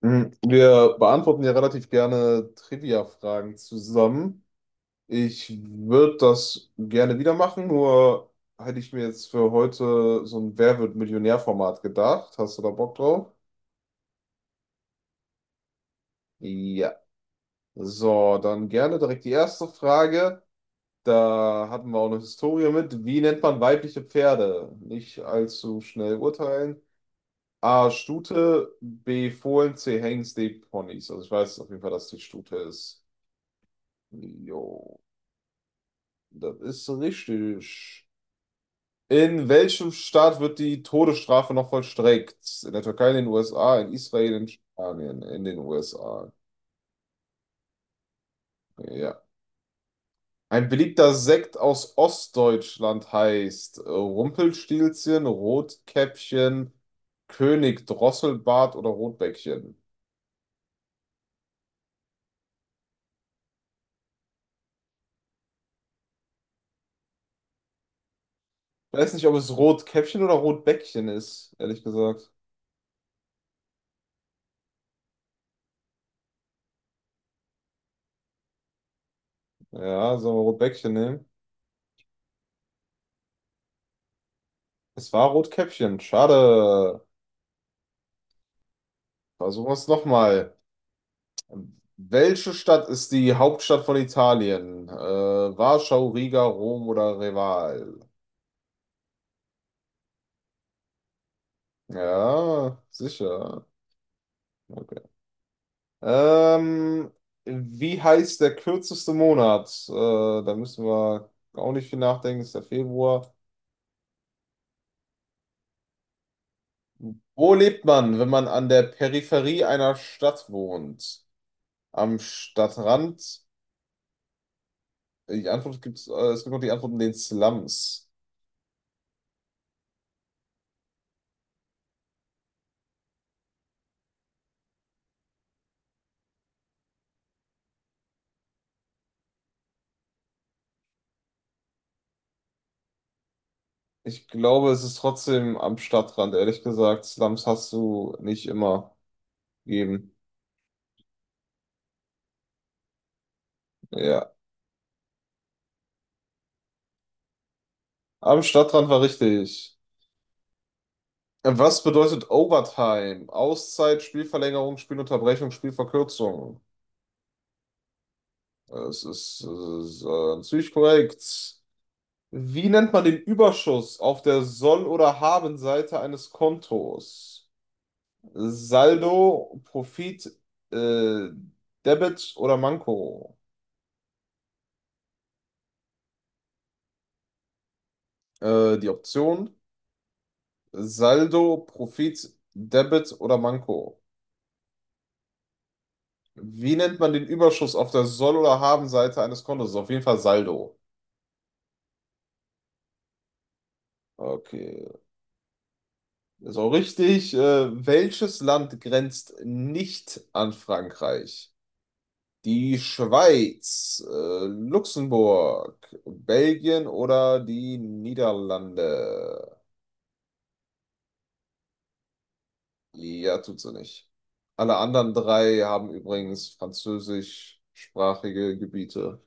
Mhm. Wir beantworten ja relativ gerne Trivia-Fragen zusammen. Ich würde das gerne wieder machen, nur hätte ich mir jetzt für heute so ein Wer wird Millionär-Format gedacht. Hast du da Bock drauf? Ja. So, dann gerne direkt die erste Frage. Da hatten wir auch eine Historie mit. Wie nennt man weibliche Pferde? Nicht allzu schnell urteilen. A. Stute, B. Fohlen, C. Hengst, D. Ponys. Also ich weiß auf jeden Fall, dass die Stute ist. Jo. Das ist richtig. In welchem Staat wird die Todesstrafe noch vollstreckt? In der Türkei, in den USA, in Israel, in Spanien, in den USA. Ja. Ein beliebter Sekt aus Ostdeutschland heißt Rumpelstilzchen, Rotkäppchen, König Drosselbart oder Rotbäckchen. Ich weiß nicht, ob es Rotkäppchen oder Rotbäckchen ist, ehrlich gesagt. Ja, sollen wir Rotbäckchen nehmen? Es war Rotkäppchen. Schade. Versuchen wir es nochmal. Welche Stadt ist die Hauptstadt von Italien? Warschau, Riga, Rom oder Reval? Ja, sicher. Okay. Ähm, wie heißt der kürzeste Monat? Da müssen wir auch nicht viel nachdenken, ist der Februar. Wo lebt man, wenn man an der Peripherie einer Stadt wohnt? Am Stadtrand? Die Antwort gibt's, es gibt noch die Antwort in den Slums. Ich glaube, es ist trotzdem am Stadtrand, ehrlich gesagt. Slums hast du nicht immer gegeben. Ja, am Stadtrand war richtig. Was bedeutet Overtime? Auszeit, Spielverlängerung, Spielunterbrechung, Spielverkürzung. Es ist ziemlich korrekt. Wie nennt man den Überschuss auf der Soll- oder Habenseite eines Kontos? Saldo, Profit, äh, Debit oder Manko? Die Option. Saldo, Profit, Debit oder Manko. Wie nennt man den Überschuss auf der Soll- oder Haben-Seite eines Kontos? Auf jeden Fall Saldo. Okay, ist auch richtig. Welches Land grenzt nicht an Frankreich? Die Schweiz, Luxemburg, Belgien oder die Niederlande? Ja, tut sie nicht. Alle anderen drei haben übrigens französischsprachige Gebiete.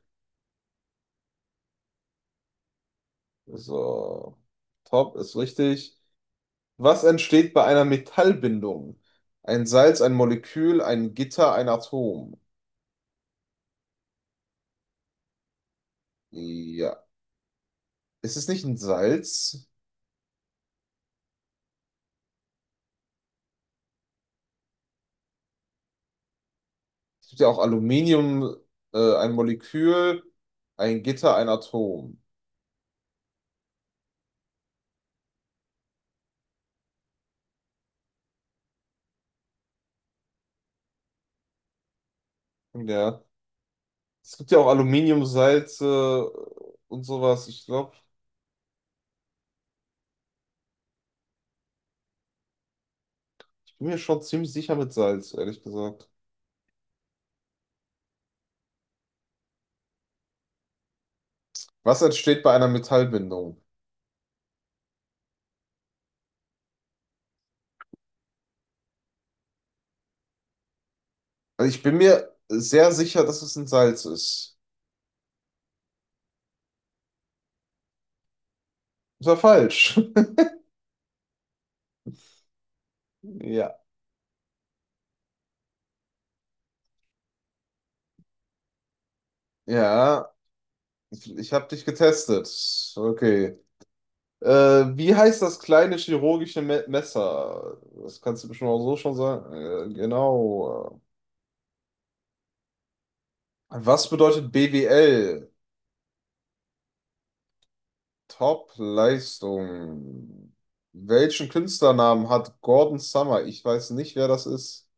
So, top ist richtig. Was entsteht bei einer Metallbindung? Ein Salz, ein Molekül, ein Gitter, ein Atom. Ja, ist es nicht ein Salz? Es gibt ja auch Aluminium, ein Molekül, ein Gitter, ein Atom. Ja, es gibt ja auch Aluminiumsalze und sowas. Ich glaube, ich bin mir schon ziemlich sicher mit Salz, ehrlich gesagt. Was entsteht bei einer Metallbindung? Also ich bin mir sehr sicher, dass es ein Salz ist. Das war falsch. Ja, ja, ich habe dich getestet. Okay. Äh, wie heißt das kleine chirurgische Me Messer? Das kannst du bestimmt auch so schon sagen. Genau. Was bedeutet BWL? Top-Leistung. Welchen Künstlernamen hat Gordon Summer? Ich weiß nicht, wer das ist.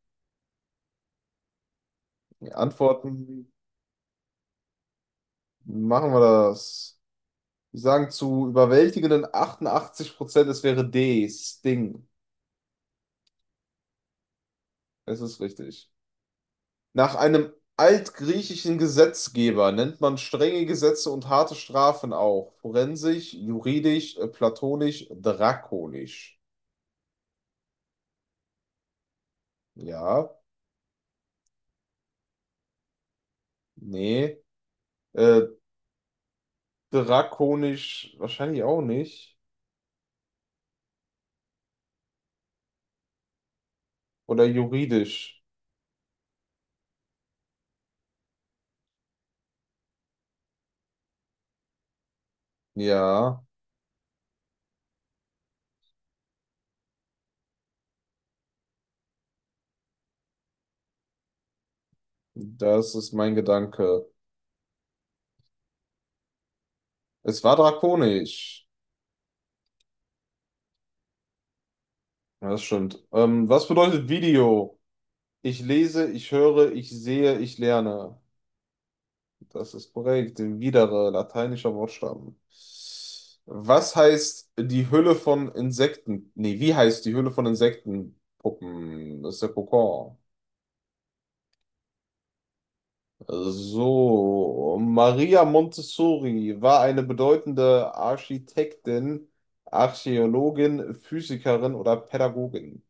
Antworten machen wir das. Wir sagen zu überwältigenden 88%, es wäre D, Sting. Es ist richtig. Nach einem altgriechischen Gesetzgeber nennt man strenge Gesetze und harte Strafen auch. Forensisch, juridisch, platonisch, drakonisch. Ja, nee. Äh, drakonisch wahrscheinlich auch nicht. Oder juridisch. Ja, das ist mein Gedanke. Es war drakonisch. Ja, das stimmt. Was bedeutet Video? Ich lese, ich höre, ich sehe, ich lerne. Das ist korrekt. Widere, lateinischer Wortstamm. Was heißt die Hülle von Insekten? Nee, wie heißt die Hülle von Insektenpuppen? Das ist der Kokon. So, Maria Montessori war eine bedeutende Architektin, Archäologin, Physikerin oder Pädagogin.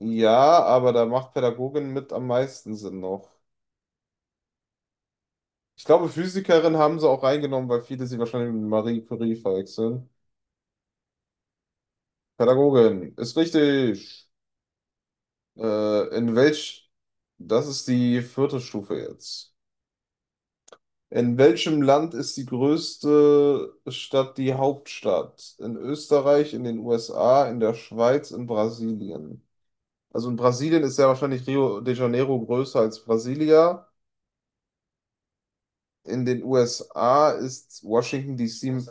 Ja, aber da macht Pädagogin mit am meisten Sinn noch. Ich glaube, Physikerin haben sie auch reingenommen, weil viele sie wahrscheinlich mit Marie Curie verwechseln. Pädagogin, ist richtig. Äh, in welch, das ist die vierte Stufe jetzt. In welchem Land ist die größte Stadt die Hauptstadt? In Österreich, in den USA, in der Schweiz, in Brasilien. Also in Brasilien ist ja wahrscheinlich Rio de Janeiro größer als Brasilia. In den USA ist Washington DC,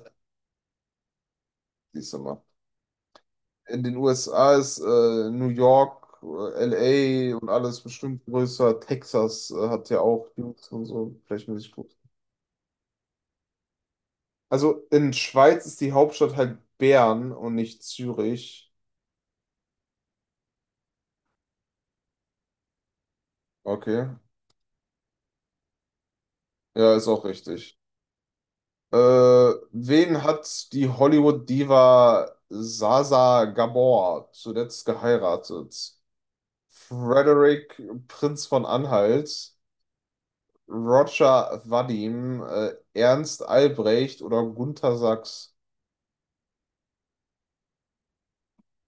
siehst du mal. In den USA ist New York, LA und alles bestimmt größer. Texas hat ja auch Dudes und so, vielleicht muss ich gut. Also in Schweiz ist die Hauptstadt halt Bern und nicht Zürich. Okay, ja, ist auch richtig. Äh, wen hat die Hollywood-Diva Sasa Gabor zuletzt geheiratet? Frederick, Prinz von Anhalt, Roger Vadim, Ernst Albrecht oder Gunter Sachs.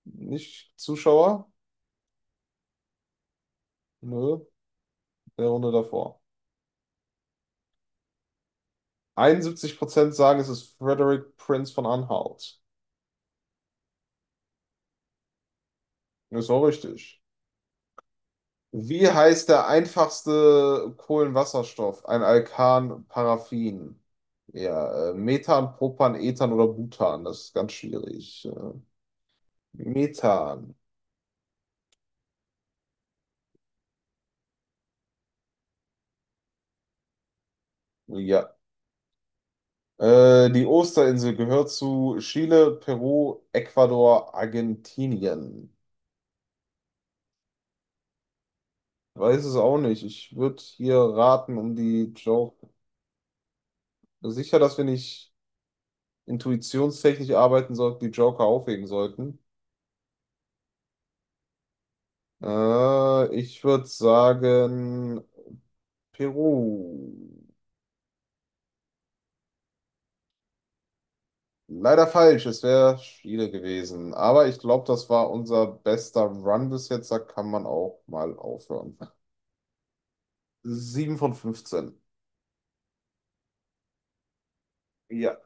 Nicht Zuschauer? Nö, der Runde davor. 71% sagen, es ist Frederick Prinz von Anhalt. Ja, ist auch richtig. Wie heißt der einfachste Kohlenwasserstoff? Ein Alkan, Paraffin. Ja, Methan, Propan, Ethan oder Butan. Das ist ganz schwierig. Methan. Ja, die Osterinsel gehört zu Chile, Peru, Ecuador, Argentinien. Weiß es auch nicht. Ich würde hier raten, um die Joker. Sicher, dass wir nicht intuitionstechnisch arbeiten sollten, die Joker aufheben sollten. Ich würde sagen, Peru. Leider falsch, es wäre Chile gewesen. Aber ich glaube, das war unser bester Run bis jetzt. Da kann man auch mal aufhören. 7 von 15. Ja.